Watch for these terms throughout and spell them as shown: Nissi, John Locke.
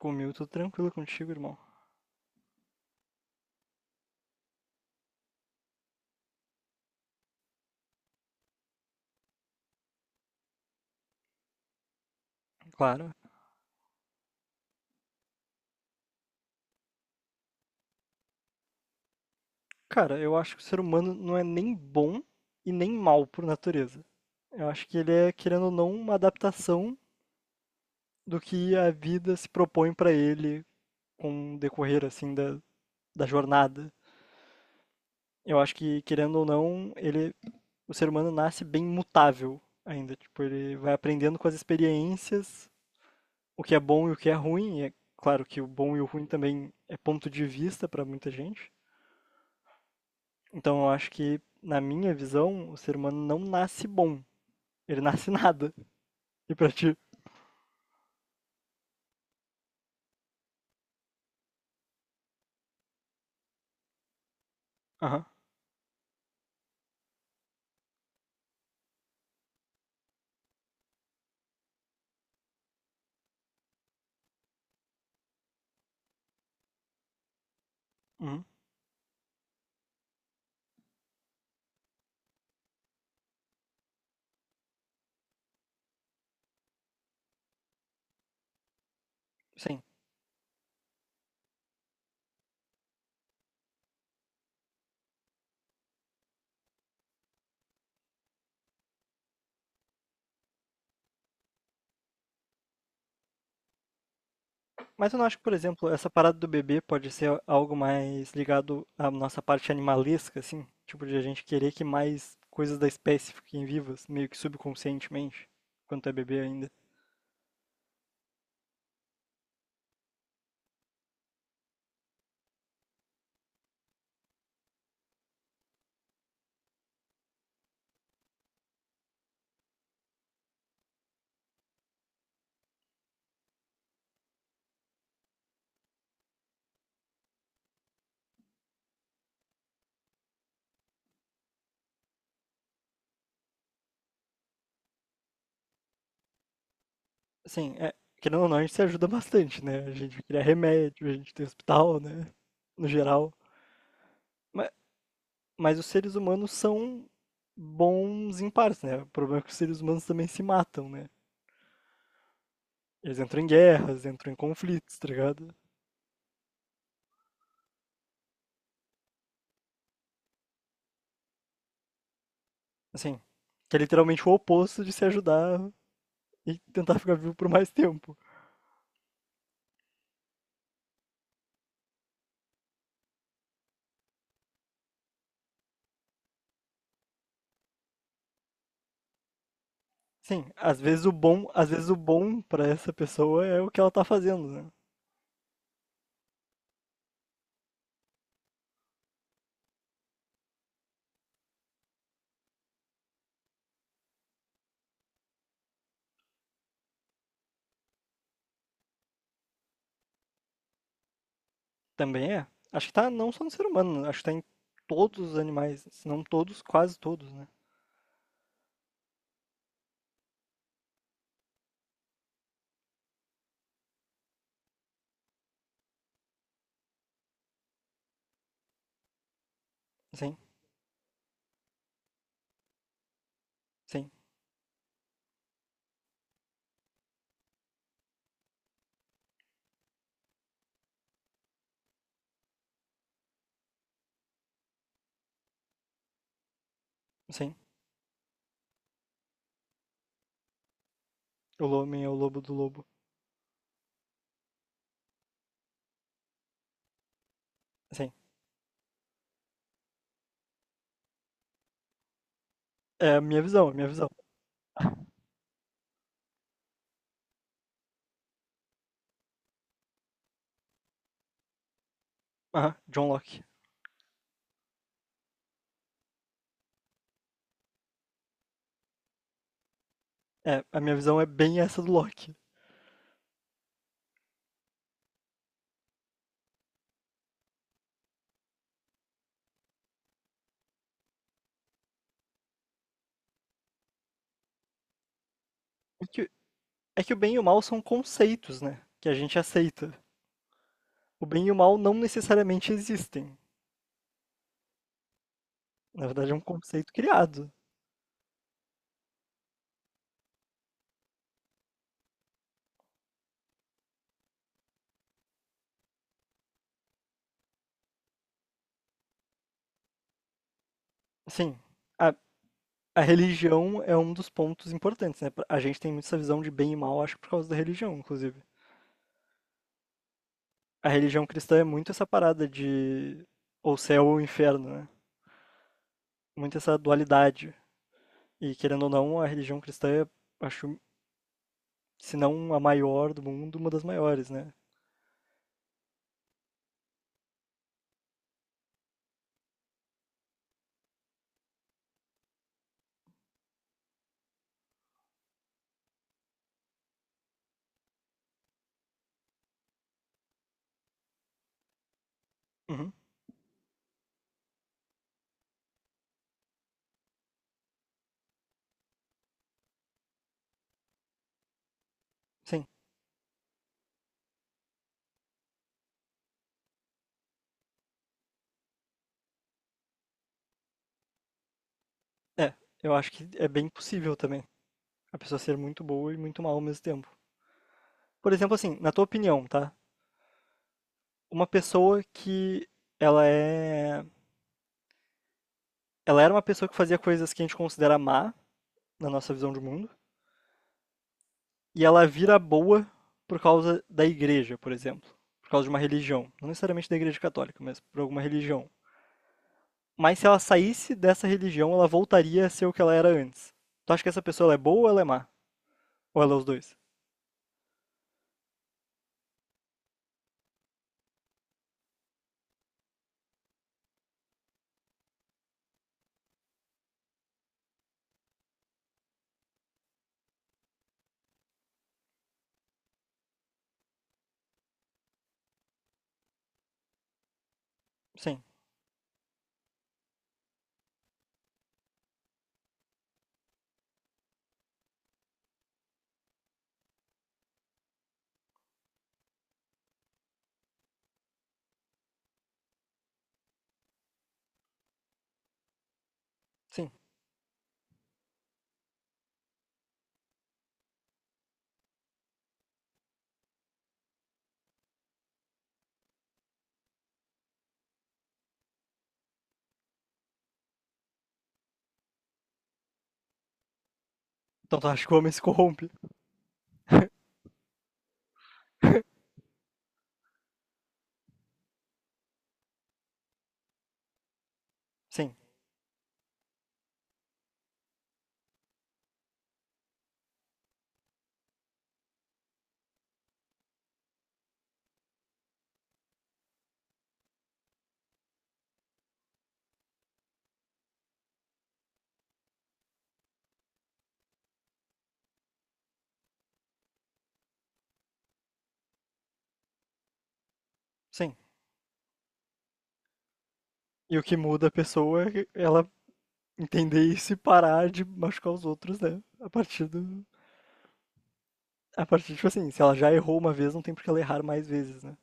Comigo, tô tranquilo contigo, irmão. Claro. Cara, eu acho que o ser humano não é nem bom e nem mal por natureza. Eu acho que ele é, querendo ou não, uma adaptação do que a vida se propõe pra ele com o decorrer, assim, da jornada. Eu acho que, querendo ou não, ele, o ser humano nasce bem mutável ainda. Tipo, ele vai aprendendo com as experiências o que é bom e o que é ruim. E é claro que o bom e o ruim também é ponto de vista pra muita gente. Então eu acho que, na minha visão, o ser humano não nasce bom. Ele nasce nada. E pra ti? Aham. Uhum. Sim. Mas eu não acho que, por exemplo, essa parada do bebê pode ser algo mais ligado à nossa parte animalesca, assim? Tipo, de a gente querer que mais coisas da espécie fiquem vivas, meio que subconscientemente, quando tu é bebê ainda. Assim, é, querendo ou não, a gente se ajuda bastante, né? A gente cria remédio, a gente tem hospital, né? No geral. Mas Mas os seres humanos são bons em partes, né? O problema é que os seres humanos também se matam, né? Eles entram em guerras, entram em conflitos, tá ligado? Assim, que é literalmente o oposto de se ajudar e tentar ficar vivo por mais tempo. Sim, às vezes o bom, às vezes o bom para essa pessoa é o que ela tá fazendo, né? Também é. Acho que tá não só no ser humano, acho que tá em todos os animais, se não todos, quase todos, né? Sim, sim, sim. O homem é o lobo do lobo. Sim. É a minha visão, é a minha visão. Ah, John Locke. É, a minha visão é bem essa do Locke. É que, é que o bem e o mal são conceitos, né? Que a gente aceita. O bem e o mal não necessariamente existem. Na verdade, é um conceito criado. Assim, a, a religião é um dos pontos importantes, né? A gente tem muito essa visão de bem e mal, acho que por causa da religião, inclusive. A religião cristã é muito essa parada de ou céu ou inferno, né? Muito essa dualidade. E querendo ou não, a religião cristã é, acho, se não a maior do mundo, uma das maiores, né? Uhum, sim. É, eu acho que é bem possível também a pessoa ser muito boa e muito mal ao mesmo tempo. Por exemplo, assim, na tua opinião, tá? Uma pessoa que ela é, ela era uma pessoa que fazia coisas que a gente considera má na nossa visão de mundo. E ela vira boa por causa da igreja, por exemplo, por causa de uma religião, não necessariamente da igreja católica, mas por alguma religião. Mas se ela saísse dessa religião, ela voltaria a ser o que ela era antes. Tu acha que essa pessoa ela é boa ou ela é má? Ou ela é os dois? Sim, sim. Então tu acha que o homem se corrompe? Sim, sim. E o que muda a pessoa é ela entender isso e parar de machucar os outros, né? A partir do. A partir, tipo assim, se ela já errou uma vez, não tem por que ela errar mais vezes, né?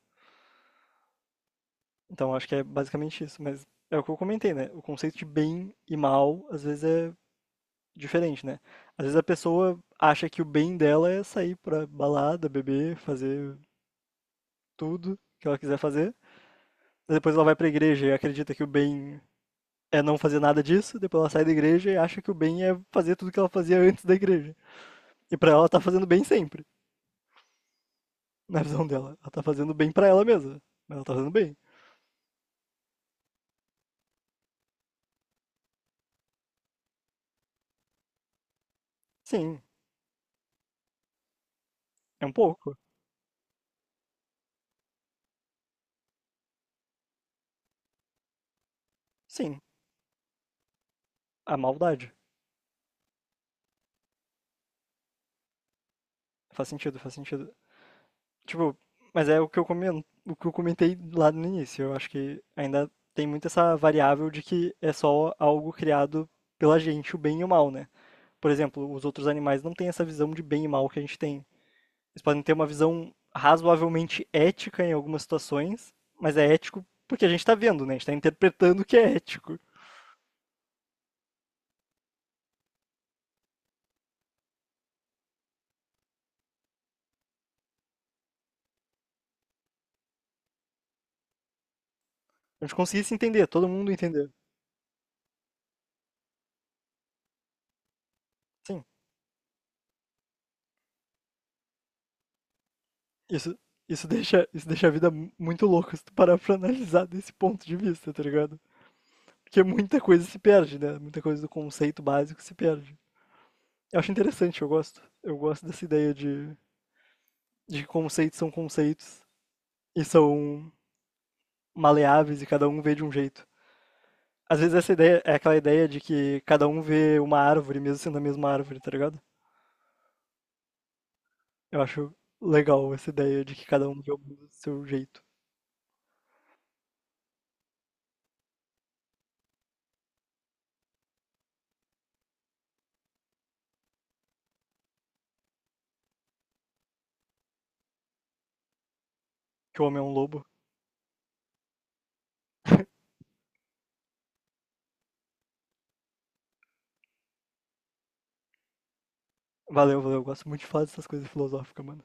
Então acho que é basicamente isso, mas é o que eu comentei, né? O conceito de bem e mal às vezes é diferente, né? Às vezes a pessoa acha que o bem dela é sair pra balada, beber, fazer tudo que ela quiser fazer. Depois ela vai pra igreja e acredita que o bem é não fazer nada disso, depois ela sai da igreja e acha que o bem é fazer tudo que ela fazia antes da igreja. E pra ela ela tá fazendo bem sempre, na visão dela. Ela tá fazendo bem pra ela mesma, mas ela tá fazendo bem. Sim, é um pouco. Sim, a maldade. Faz sentido, faz sentido. Tipo, mas é o que eu comentei lá no início. Eu acho que ainda tem muito essa variável de que é só algo criado pela gente, o bem e o mal, né? Por exemplo, os outros animais não têm essa visão de bem e mal que a gente tem. Eles podem ter uma visão razoavelmente ética em algumas situações, mas é ético porque a gente tá vendo, né? A gente tá interpretando o que é ético. A gente conseguir se entender, todo mundo entender. Sim, isso, isso deixa a vida muito louca se tu parar pra analisar desse ponto de vista, tá ligado? Porque muita coisa se perde, né? Muita coisa do conceito básico se perde. Eu acho interessante, eu gosto. Eu gosto dessa ideia de que conceitos são conceitos e são maleáveis e cada um vê de um jeito. Às vezes essa ideia é aquela ideia de que cada um vê uma árvore, mesmo sendo a mesma árvore, tá ligado? Eu acho legal essa ideia de que cada um vê o mundo do seu jeito. Que o homem é um lobo. Valeu, valeu. Eu gosto muito de falar dessas coisas filosóficas, mano.